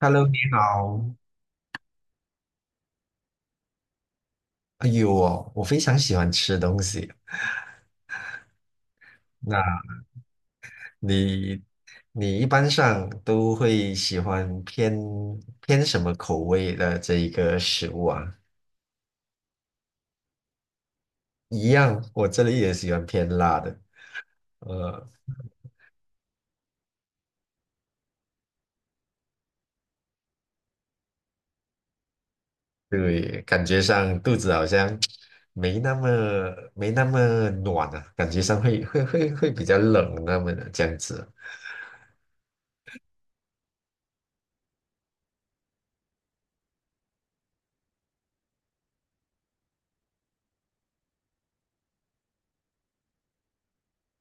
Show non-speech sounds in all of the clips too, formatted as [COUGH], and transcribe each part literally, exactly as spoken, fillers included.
Hello,你好。哎呦哦，我非常喜欢吃东西。那你，你一般上都会喜欢偏偏什么口味的这一个食物啊？一样，我这里也喜欢偏辣的。呃，对，感觉上肚子好像没那么没那么暖啊，感觉上会会会会比较冷那么的这样子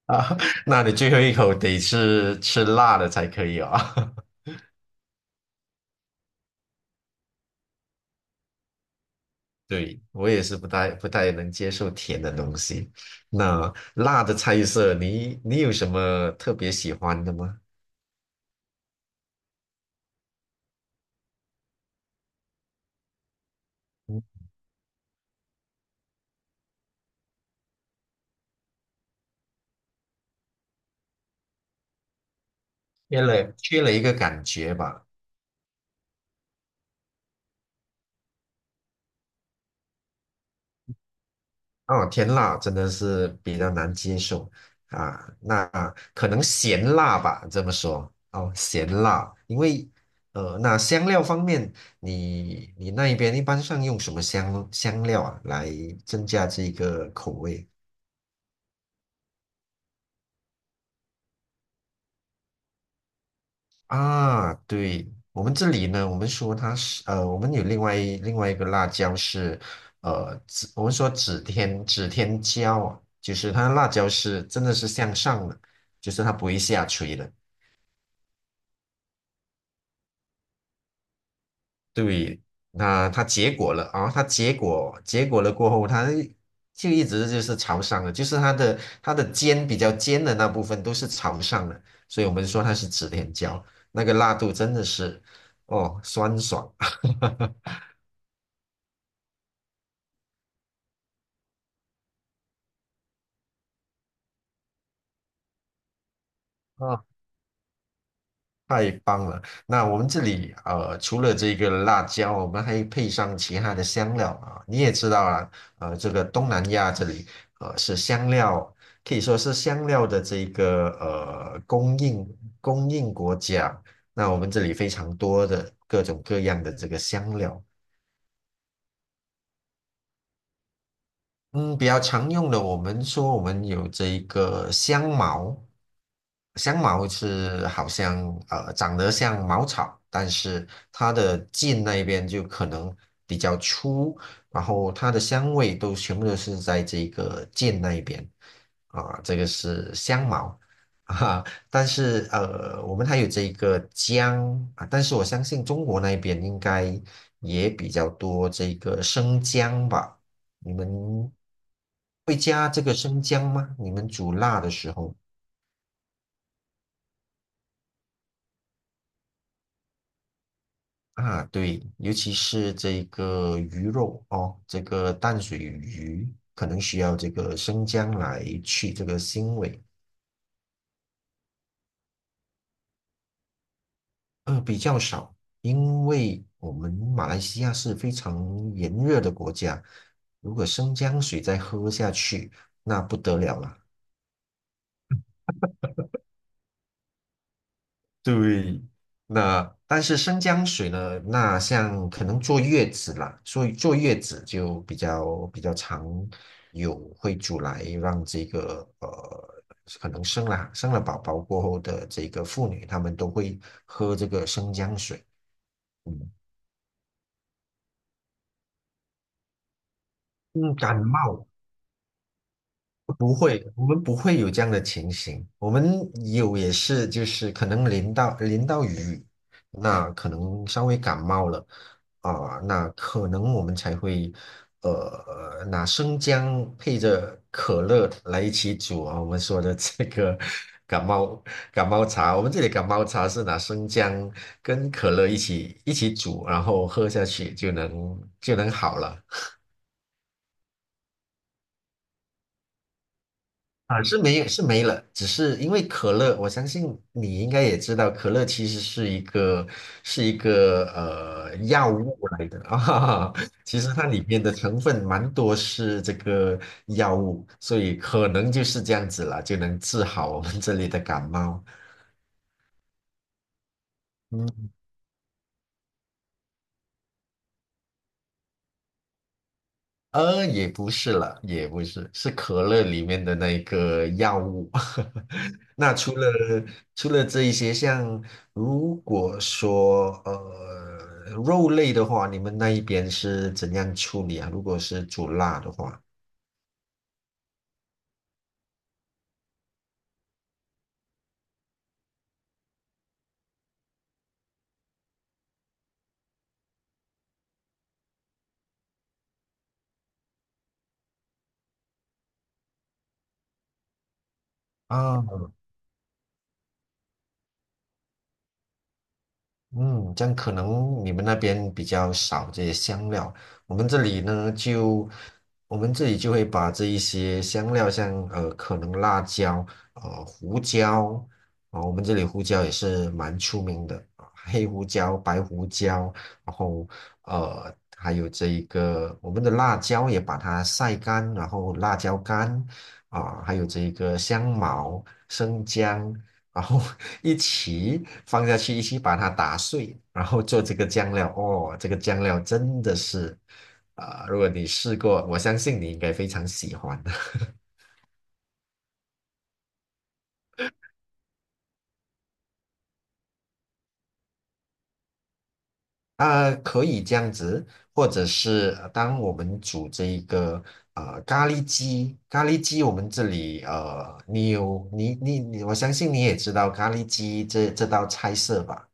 啊。[LAUGHS] 那你最后一口得是吃辣的才可以哦。[LAUGHS] 对，我也是不太不太能接受甜的东西。那辣的菜色，你你有什么特别喜欢的吗？嗯，缺了缺了一个感觉吧。哦，甜辣真的是比较难接受啊。那可能咸辣吧，这么说哦，咸辣。因为呃，那香料方面，你你那一边一般上用什么香香料啊，来增加这个口味？啊，对，我们这里呢，我们说它是呃，我们有另外一另外一个辣椒是呃，指我们说指天指天椒啊，就是它的辣椒是真的是向上的，就是它不会下垂的。对，那它结果了啊，它结果结果了过后，它就一直就是朝上的，就是它的它的尖比较尖的那部分都是朝上的，所以我们说它是指天椒，那个辣度真的是哦酸爽。[LAUGHS] 太棒了！那我们这里呃，除了这个辣椒，我们还配上其他的香料啊。你也知道啊，呃，这个东南亚这里呃是香料，可以说是香料的这个呃供应供应国家。那我们这里非常多的各种各样的这个香料，嗯，比较常用的，我们说我们有这一个香茅，香茅是好像呃长得像茅草，但是它的茎那边就可能比较粗，然后它的香味都全部都是在这个茎那一边啊，这个是香茅啊。但是呃，我们还有这个姜啊，但是我相信中国那边应该也比较多这个生姜吧。你们会加这个生姜吗？你们煮辣的时候啊，对，尤其是这个鱼肉哦，这个淡水鱼可能需要这个生姜来去这个腥味，呃，比较少，因为我们马来西亚是非常炎热的国家，如果生姜水再喝下去，那不得了了。对，那但是生姜水呢？那像可能坐月子啦，所以坐月子就比较比较常有会煮来让这个呃，可能生了生了宝宝过后的这个妇女，她们都会喝这个生姜水。嗯，嗯，感冒不会，我们不会有这样的情形。我们有也是，就是可能淋到淋到雨，那可能稍微感冒了啊、那可能我们才会呃拿生姜配着可乐来一起煮啊。我们说的这个 [LAUGHS] 感冒感冒茶，我们这里感冒茶是拿生姜跟可乐一起一起煮，然后喝下去就能就能好了。啊，是没有，是没了，只是因为可乐，我相信你应该也知道，可乐其实是一个是一个呃药物来的啊，[LAUGHS] 其实它里面的成分蛮多是这个药物，所以可能就是这样子了，就能治好我们这里的感冒。嗯，呃，也不是了，也不是，是可乐里面的那一个药物。[LAUGHS] 那除了除了这一些，像如果说呃肉类的话，你们那一边是怎样处理啊？如果是煮辣的话，啊。嗯，这样可能你们那边比较少这些香料，我们这里呢就，我们这里就会把这一些香料像，呃可能辣椒、呃胡椒啊、我们这里胡椒也是蛮出名的啊，黑胡椒、白胡椒，然后呃还有这一个我们的辣椒也把它晒干，然后辣椒干啊、还有这一个香茅、生姜然后 [LAUGHS] 一起放下去，一起把它打碎，然后做这个酱料。哦，这个酱料真的是，啊、如果你试过，我相信你应该非常喜欢的。[LAUGHS] 啊、可以这样子，或者是呃当我们煮这一个呃咖喱鸡，咖喱鸡我们这里呃，你有你你你，我相信你也知道咖喱鸡这这道菜色吧？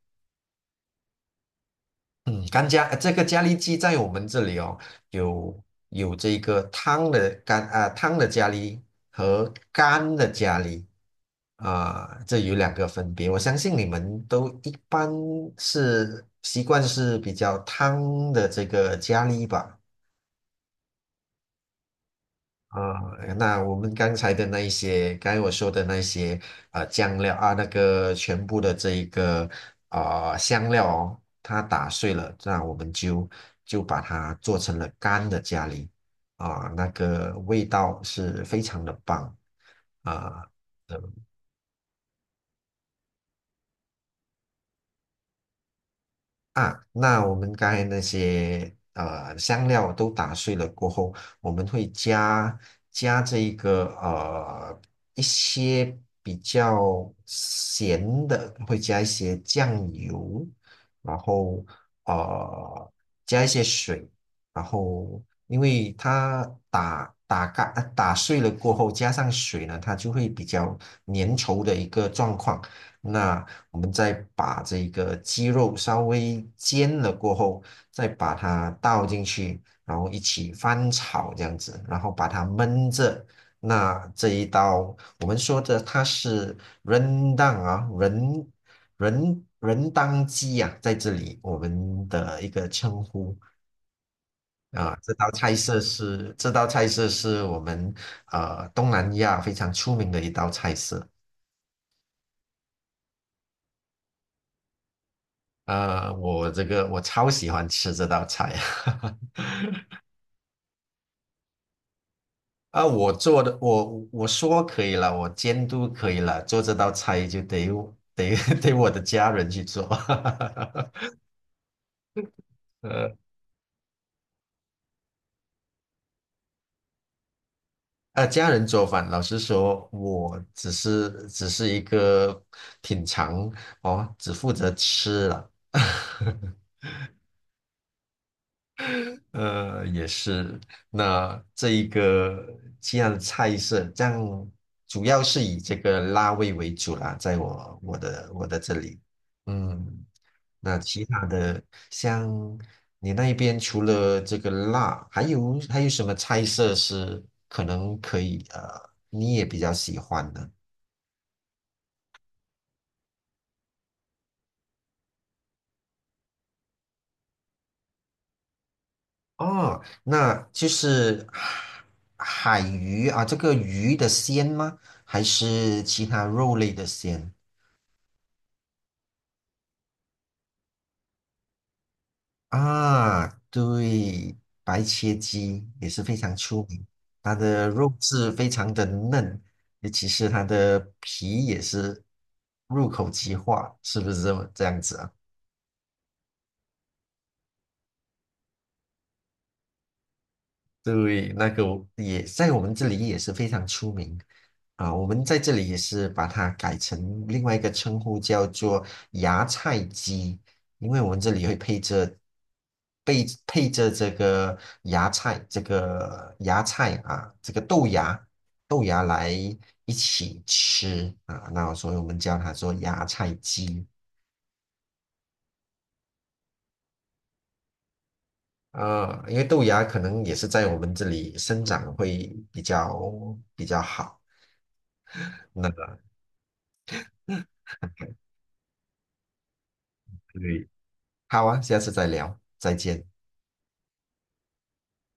嗯，干加呃这个咖喱鸡在我们这里哦，有有这个汤的干啊、汤的咖喱和干的咖喱啊、这有两个分别。我相信你们都一般是习惯是比较汤的这个咖喱吧？啊、那我们刚才的那一些，刚才我说的那些，呃，酱料啊，那个全部的这一个啊、呃香料哦，它打碎了，那我们就就把它做成了干的咖喱啊、那个味道是非常的棒啊、呃啊，那我们刚才那些呃香料都打碎了过后，我们会加加这一个呃一些比较咸的，会加一些酱油，然后呃加一些水，然后因为它打打干呃打碎了过后，加上水呢，它就会比较粘稠的一个状况。那我们再把这个鸡肉稍微煎了过后，再把它倒进去，然后一起翻炒这样子，然后把它焖着。那这一道我们说的它是人当啊，人人人当鸡啊，在这里我们的一个称呼啊。这道菜色是这道菜色是我们呃东南亚非常出名的一道菜色。呃，我这个我超喜欢吃这道菜。[LAUGHS] 啊，我做的，我我说可以了，我监督可以了，做这道菜就得我得 [LAUGHS] 得我的家人去做，[LAUGHS] 呃啊，家人做饭，老实说，我只是只是一个品尝哦，只负责吃了。[LAUGHS] 呃，也是。那这一个这样的菜色，这样主要是以这个辣味为主啦，在我我的我的这里，嗯，那其他的像你那边除了这个辣，还有还有什么菜色是可能可以呃，你也比较喜欢的？哦，那就是海海鱼啊，这个鱼的鲜吗？还是其他肉类的鲜？啊，对，白切鸡也是非常出名，它的肉质非常的嫩，尤其是它的皮也是入口即化，是不是这么这样子啊？对，那个我也在我们这里也是非常出名啊，我们在这里也是把它改成另外一个称呼，叫做芽菜鸡，因为我们这里会配着配配着这个芽菜，这个芽菜啊，这个豆芽豆芽来一起吃啊，那所以我们叫它做芽菜鸡。呃，因为豆芽可能也是在我们这里生长会比较比较好。那个。对，好啊，下次再聊，再见。